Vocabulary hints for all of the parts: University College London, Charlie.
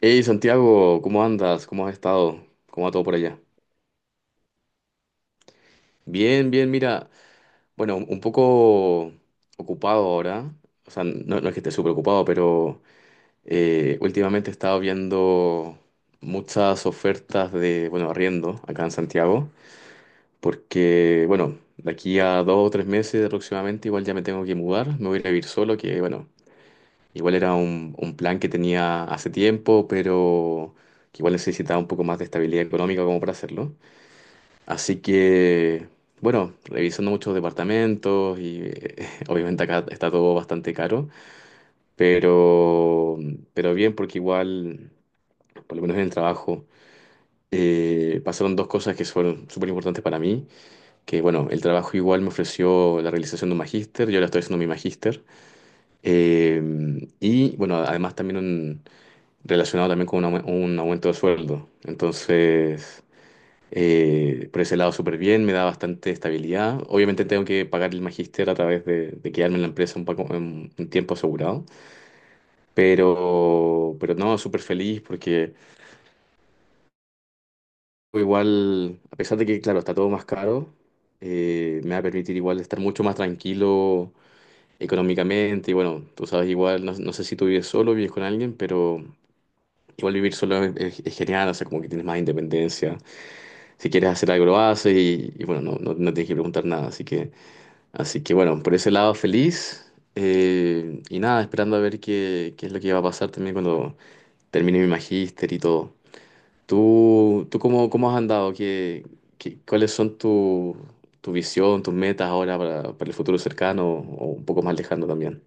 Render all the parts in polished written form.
Hey Santiago, ¿cómo andas? ¿Cómo has estado? ¿Cómo va todo por allá? Bien, bien, mira, bueno, un poco ocupado ahora, o sea, no, no es que esté súper ocupado, pero últimamente he estado viendo muchas ofertas de, bueno, arriendo acá en Santiago, porque, bueno, de aquí a dos o tres meses aproximadamente igual ya me tengo que mudar, me voy a ir a vivir solo, que, bueno, igual era un plan que tenía hace tiempo, pero que igual necesitaba un poco más de estabilidad económica como para hacerlo. Así que, bueno, revisando muchos departamentos y obviamente acá está todo bastante caro, pero, pero bien porque igual, por lo menos en el trabajo, pasaron dos cosas que fueron súper importantes para mí, que bueno, el trabajo igual me ofreció la realización de un magíster, yo ahora estoy haciendo mi magíster, y bueno, además también relacionado también con un, un aumento de sueldo. Entonces… Por ese lado, súper bien, me da bastante estabilidad. Obviamente tengo que pagar el magíster a través de quedarme en la empresa un, poco, un tiempo asegurado, pero no, súper feliz porque igual, a pesar de que, claro, está todo más caro, me va a permitir igual estar mucho más tranquilo económicamente. Y bueno, tú sabes, igual, no, no sé si tú vives solo, vives con alguien, pero igual vivir solo es, es genial, o sea, como que tienes más independencia. Si quieres hacer algo, lo haces y bueno, no, no, no tienes que preguntar nada, así que… Así que bueno, por ese lado feliz. Y nada, esperando a ver qué, qué es lo que va a pasar también cuando termine mi magíster y todo. ¿Tú cómo, cómo has andado? ¿Qué, cuáles son tu, tu visión, tus metas ahora para el futuro cercano o un poco más lejano también?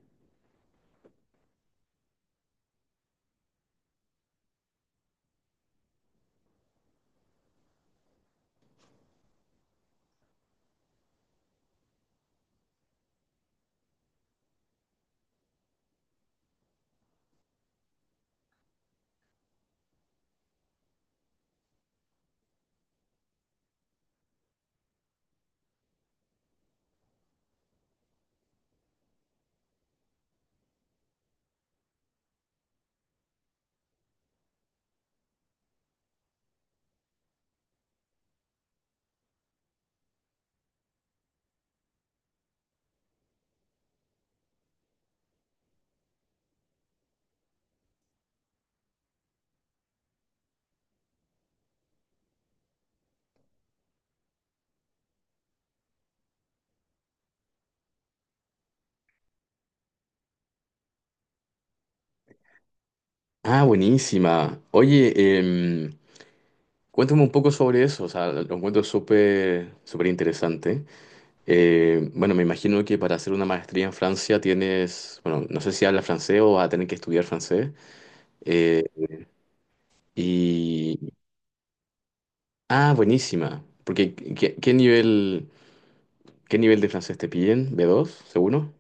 Ah, buenísima. Oye, em, cuéntame un poco sobre eso. O sea, lo encuentro súper, súper interesante. Bueno, me imagino que para hacer una maestría en Francia tienes, bueno, no sé si habla francés o vas a tener que estudiar francés. Eh, y, ah, buenísima. Porque, ¿qué, qué nivel de francés te piden? ¿B2, seguro?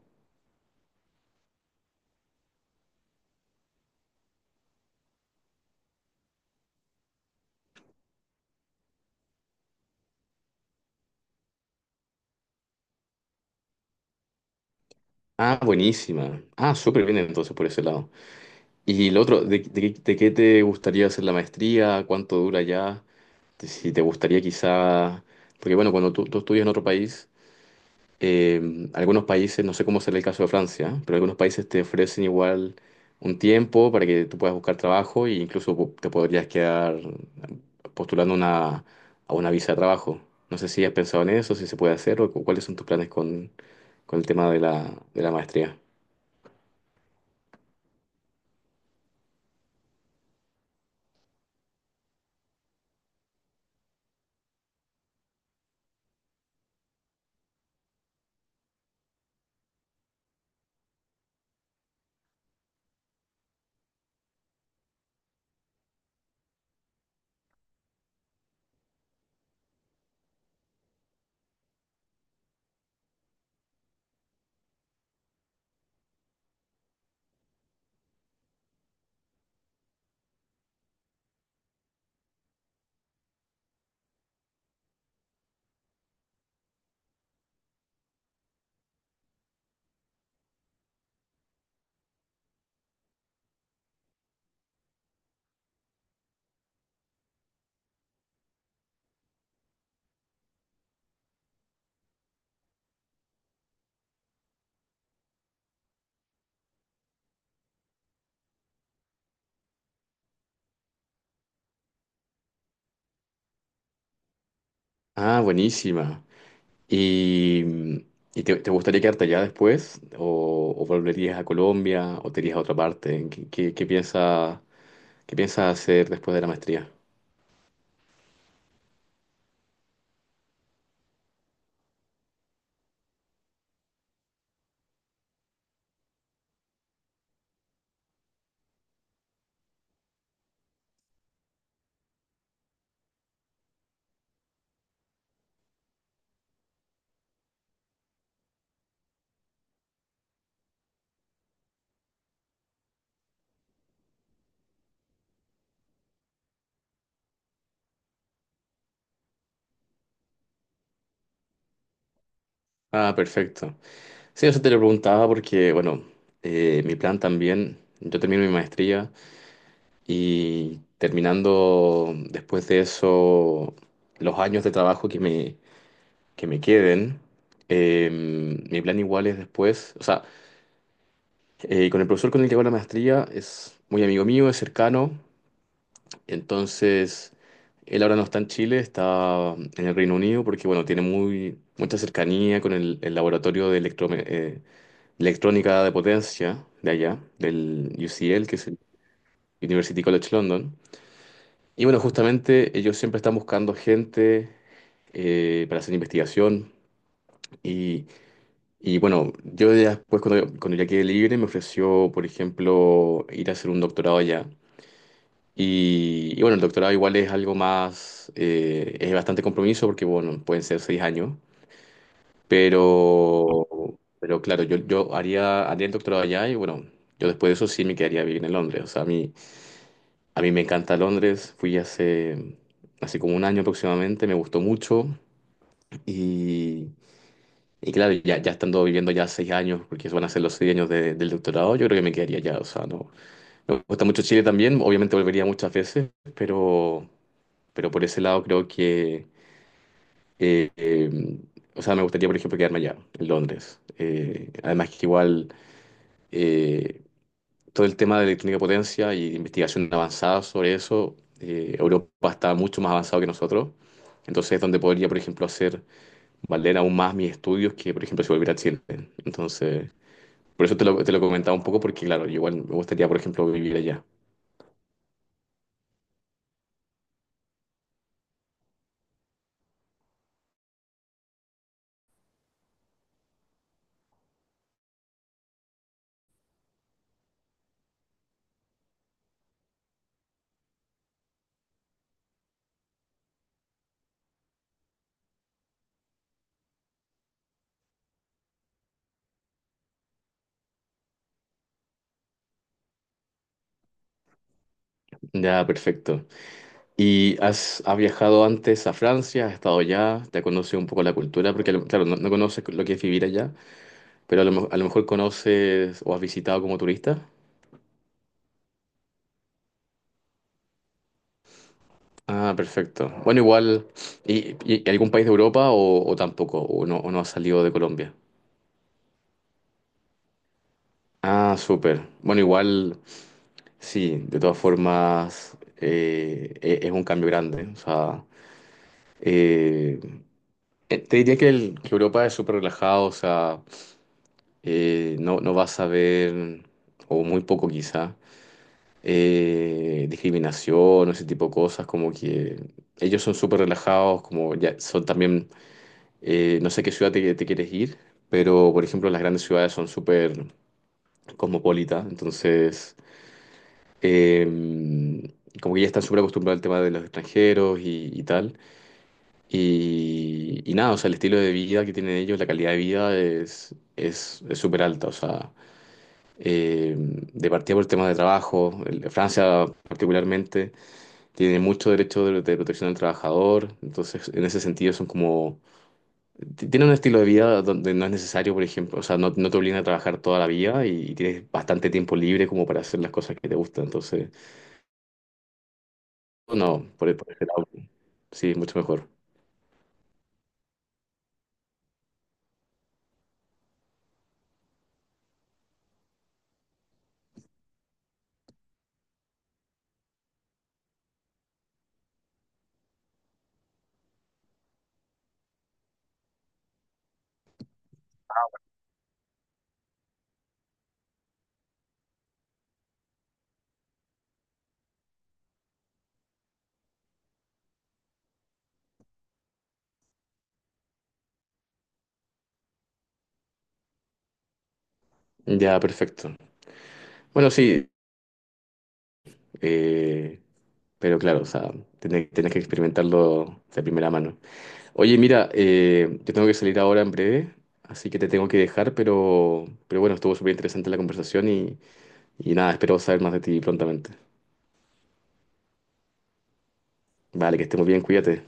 Ah, buenísima. Ah, súper bien entonces por ese lado. Y lo otro, de qué te gustaría hacer la maestría? ¿Cuánto dura ya? Si te gustaría quizá… Porque bueno, cuando tú estudias en otro país, algunos países, no sé cómo será el caso de Francia, pero algunos países te ofrecen igual un tiempo para que tú puedas buscar trabajo e incluso te podrías quedar postulando a una visa de trabajo. No sé si has pensado en eso, si se puede hacer o cuáles son tus planes con el tema de de la maestría. Ah, buenísima. ¿Y, y te, te gustaría quedarte allá después? O volverías a Colombia? ¿O te irías a otra parte? ¿Qué, qué, qué piensas hacer después de la maestría? Ah, perfecto. Sí, eso te lo preguntaba porque, bueno, mi plan también, yo termino mi maestría y terminando después de eso los años de trabajo que me queden, mi plan igual es después, o sea, con el profesor con el que hago la maestría es muy amigo mío, es cercano, entonces él ahora no está en Chile, está en el Reino Unido porque, bueno, tiene muy, mucha cercanía con el laboratorio de electro electrónica de potencia de allá, del UCL, que es el University College London. Y bueno, justamente ellos siempre están buscando gente para hacer investigación. Y, y bueno, yo ya después, cuando, cuando ya quedé libre, me ofreció, por ejemplo, ir a hacer un doctorado allá. Y bueno, el doctorado igual es algo más, es bastante compromiso porque, bueno, pueden ser seis años. Pero, pero claro, yo haría, haría el doctorado allá y bueno, yo después de eso sí me quedaría vivir en Londres. O sea, a mí me encanta Londres. Fui hace, hace como un año aproximadamente, me gustó mucho. Y, y claro, ya, ya estando viviendo ya seis años, porque van a ser los seis años del doctorado, yo creo que me quedaría allá. O sea, no, me gusta mucho Chile también. Obviamente volvería muchas veces, pero, pero por ese lado creo que… eh, eh, o sea, me gustaría, por ejemplo, quedarme allá, en Londres. Además que igual… eh, todo el tema de electrónica de potencia y investigación avanzada sobre eso, Europa está mucho más avanzado que nosotros. Entonces es donde podría, por ejemplo, hacer valer aún más mis estudios que, por ejemplo, si volviera a Chile. Entonces, por eso te lo comentaba un poco, porque claro, yo igual me gustaría, por ejemplo, vivir allá. Ya, perfecto. ¿Y has, has viajado antes a Francia? ¿Has estado allá? ¿Te conoces un poco la cultura? Porque, claro, no, no conoces lo que es vivir allá, pero a lo, a lo mejor conoces o has visitado como turista. Ah, perfecto. Bueno, igual, y algún país de Europa o tampoco? O no ha salido de Colombia? Ah, súper. Bueno, igual, sí, de todas formas, es un cambio grande. O sea, eh, te diría que, que Europa es súper relajado, o sea, no, no vas a ver, o muy poco quizá, discriminación o ese tipo de cosas, como que ellos son súper relajados, como ya son también. No sé qué ciudad te, te quieres ir, pero por ejemplo las grandes ciudades son súper cosmopolitas, entonces em, como que ya están súper acostumbrados al tema de los extranjeros y tal. Y nada, o sea, el estilo de vida que tienen ellos, la calidad de vida es súper alta, o sea, de partida por temas de trabajo, Francia particularmente tiene mucho derecho de protección del trabajador, entonces en ese sentido son como Tiene un estilo de vida donde no es necesario, por ejemplo, o sea, no, no te obligan a trabajar toda la vida y tienes bastante tiempo libre como para hacer las cosas que te gustan. Entonces, no, por ese lado, sí, mucho mejor. Ya, perfecto. Bueno, sí, eh, pero claro, o sea, tenés, tenés que experimentarlo de primera mano. Oye, mira, yo tengo que salir ahora en breve, así que te tengo que dejar, pero bueno, estuvo súper interesante la conversación y nada, espero saber más de ti prontamente. Vale, que estemos bien, cuídate.